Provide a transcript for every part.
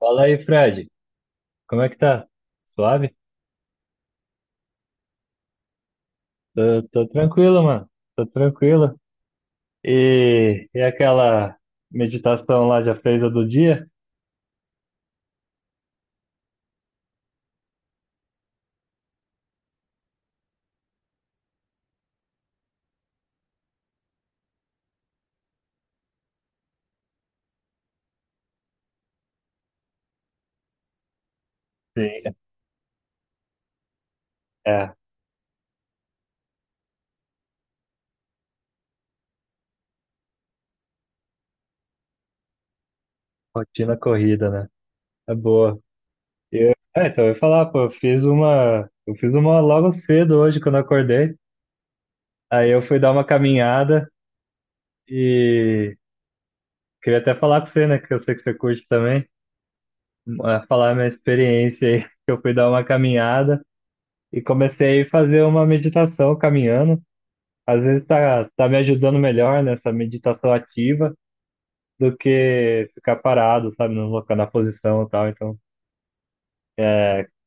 Fala aí, Fred. Como é que tá? Suave? Tô tranquilo, mano. Tô tranquilo. E aquela meditação lá já fez a do dia? Sim. É, rotina corrida, né? É boa. Eu, é, então eu ia falar, pô, eu fiz uma logo cedo hoje quando eu acordei. Aí eu fui dar uma caminhada e queria até falar com você, né? Que eu sei que você curte também. Falar a minha experiência aí, que eu fui dar uma caminhada e comecei a fazer uma meditação caminhando. Às vezes tá me ajudando melhor nessa meditação ativa do que ficar parado, sabe, no local, na posição e tal. Então,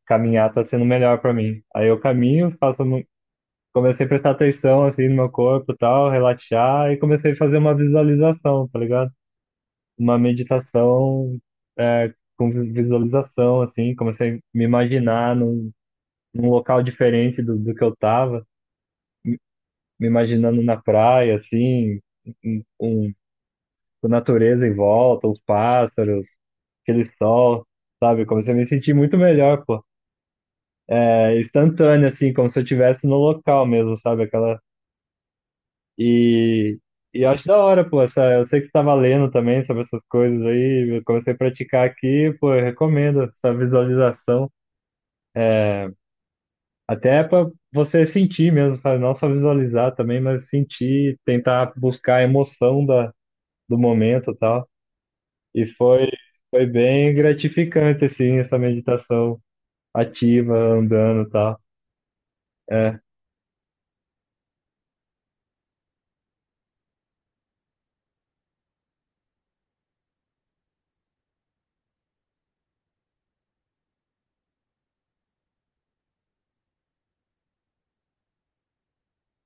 caminhar tá sendo melhor para mim. Aí eu caminho, faço, comecei a prestar atenção assim no meu corpo e tal, relaxar e comecei a fazer uma visualização, tá ligado? Uma meditação é, com visualização assim, comecei a me imaginar num, num local diferente do que eu tava, me imaginando na praia assim, um a natureza em volta, os pássaros, aquele sol, sabe? Comecei a me sentir muito melhor, pô. É instantâneo, assim, como se eu estivesse no local mesmo, sabe? Aquela. E, e eu acho da hora, pô. Essa... Eu sei que você estava lendo também sobre essas coisas aí. Eu comecei a praticar aqui, pô, eu recomendo essa visualização. Até para você sentir mesmo, sabe? Não só visualizar também, mas sentir, tentar buscar a emoção da, do momento e tal. E foi, foi bem gratificante, assim, essa meditação ativa, andando e tal. É,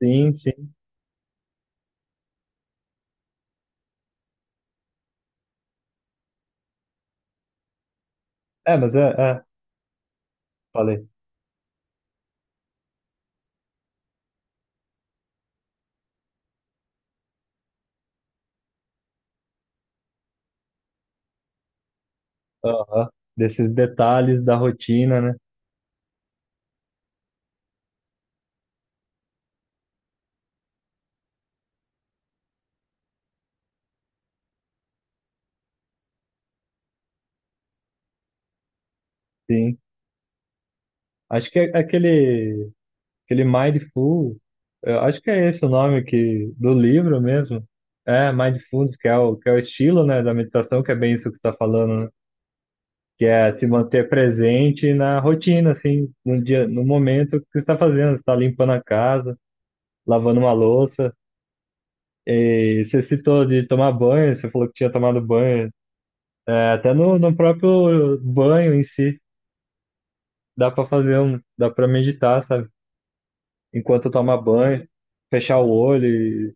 sim, sim. É, mas é, é, falei. Aham. Desses detalhes da rotina, né? Sim. Acho que é aquele Mindful, eu acho que é esse o nome que, do livro mesmo. É, Mindfulness, que é que é o estilo, né, da meditação, que é bem isso que você está falando, né? Que é se manter presente na rotina, assim, no dia, no momento que você está fazendo. Você está limpando a casa, lavando uma louça. E você citou de tomar banho, você falou que tinha tomado banho. É, até no, no próprio banho em si, dá pra fazer um, dá pra meditar, sabe? Enquanto toma banho, fechar o olho,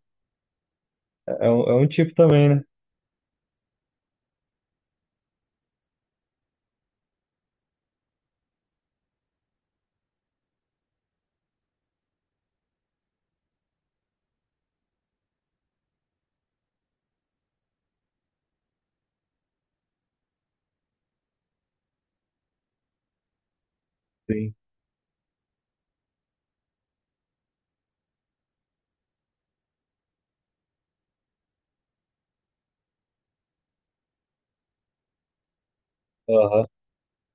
é um tipo também, né? Sim. Aham.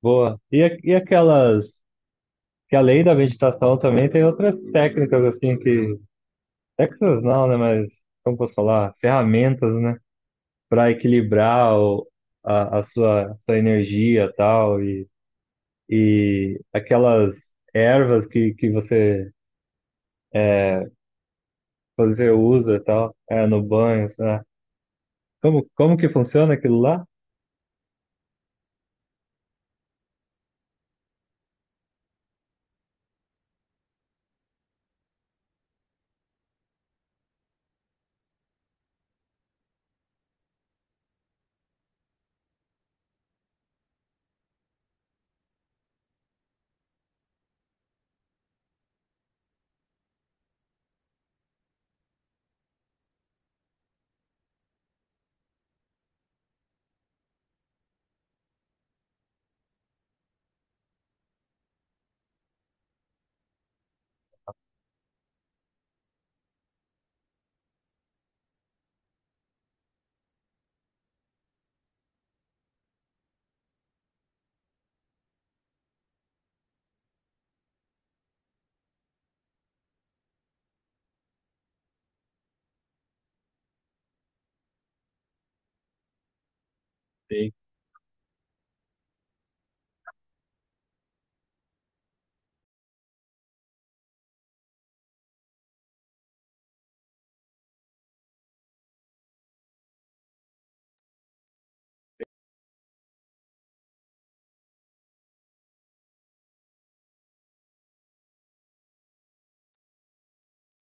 Boa. E, e aquelas, que além da meditação também tem outras técnicas, assim, que, técnicas não, né? Mas, como posso falar? Ferramentas, né? Pra equilibrar o, a sua, sua energia e tal, e aquelas ervas que você fazer uso e tal, é, no banho, sabe? Como que funciona aquilo lá? Sim.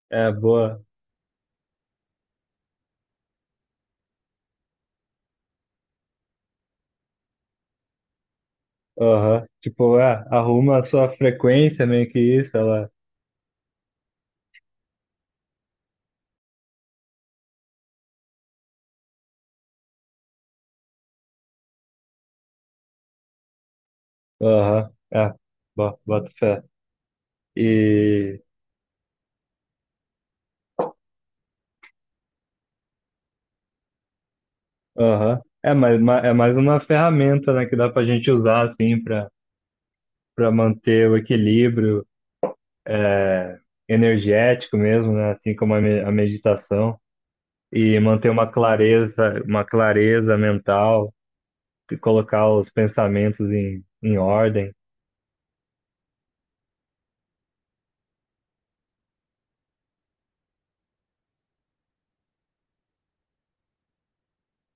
É, boa. Aham. Tipo, é, arruma a sua frequência, meio que isso, ela. Aham. É, bota fé. E. Aham. É, mas é mais uma ferramenta, né, que dá pra gente usar, assim, pra, pra manter o equilíbrio é, energético mesmo, né? Assim como a meditação. E manter uma clareza mental. Que colocar os pensamentos em, em ordem.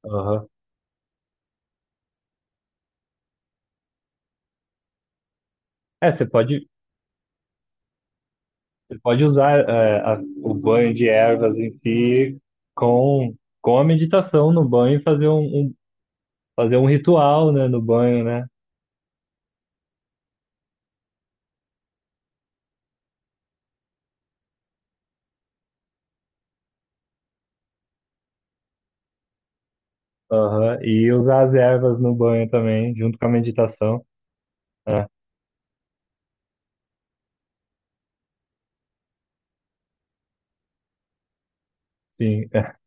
Aham. É, você pode usar é, o banho de ervas em si com, com a meditação no banho e fazer um, um- fazer um ritual, né, no banho, né? Aham. E usar as ervas no banho também, junto com a meditação. É, sim,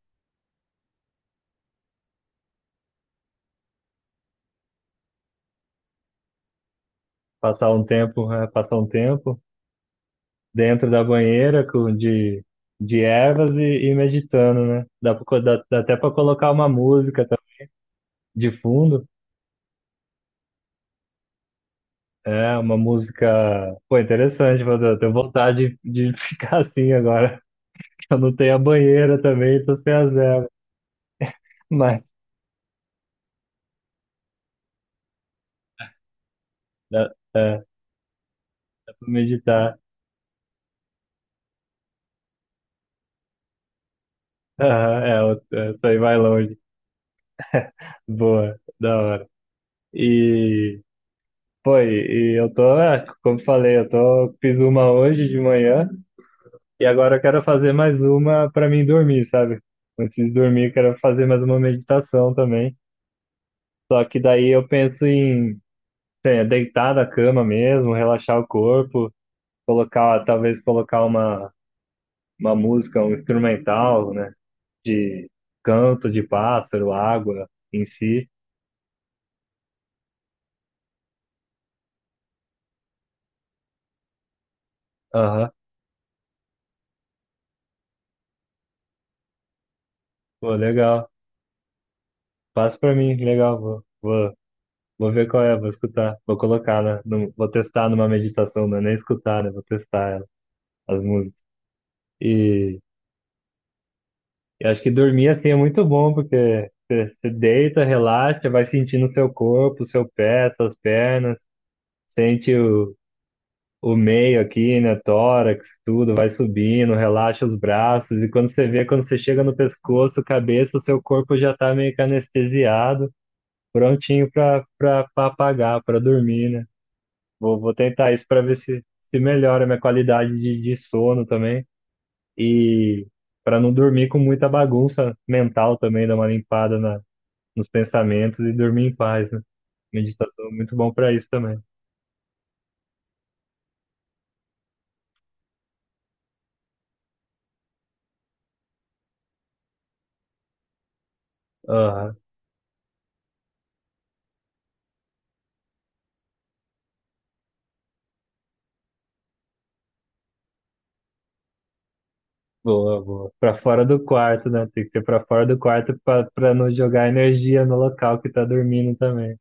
passar um tempo dentro da banheira com de ervas e meditando, né? Dá, dá, dá até para colocar uma música de fundo. É uma música, pô, interessante, mas eu tenho vontade de ficar assim agora, eu não tenho a banheira também, tô sem a zero, mas dá, é, dá pra meditar. Aham, é, é, isso aí vai longe, boa, da hora. E, pô, e eu tô, é, como falei, eu tô, fiz uma hoje de manhã, e agora eu quero fazer mais uma pra mim dormir, sabe? Antes de dormir, eu quero fazer mais uma meditação também, só que daí eu penso em É, deitar na cama mesmo, relaxar o corpo, talvez colocar uma música, um instrumental, né? De canto de pássaro, água em si. Aham, pô, legal. Passa pra mim, legal. Vou ver qual é, vou escutar, vou colocar, né? Vou testar numa meditação, não é nem escutar, né? Vou testar ela, as músicas. E, e acho que dormir assim é muito bom, porque você deita, relaxa, vai sentindo o seu corpo, o seu pé, suas pernas sente o meio aqui, né? Tórax, tudo, vai subindo, relaxa os braços, e quando você vê, quando você chega no pescoço, cabeça, o seu corpo já tá meio que anestesiado, prontinho pra apagar, pra dormir, né? Vou tentar isso pra ver se, se melhora a minha qualidade de sono também, e pra não dormir com muita bagunça mental também, dar uma limpada na, nos pensamentos e dormir em paz, né? Meditação é muito bom pra isso também. Aham. Boa, boa. Pra fora do quarto, né? Tem que ser pra fora do quarto pra, pra não jogar energia no local que tá dormindo também.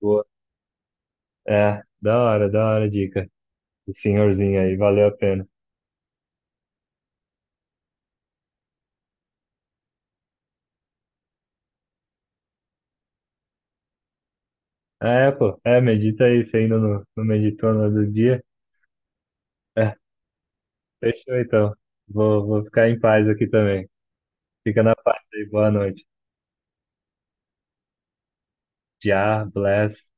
Boa. É, da hora a dica. O senhorzinho aí, valeu a pena. É, pô, é, medita aí, você ainda não, não meditou no outro dia. É, fechou então. Vou ficar em paz aqui também. Fica na paz aí, boa noite. Já, bless.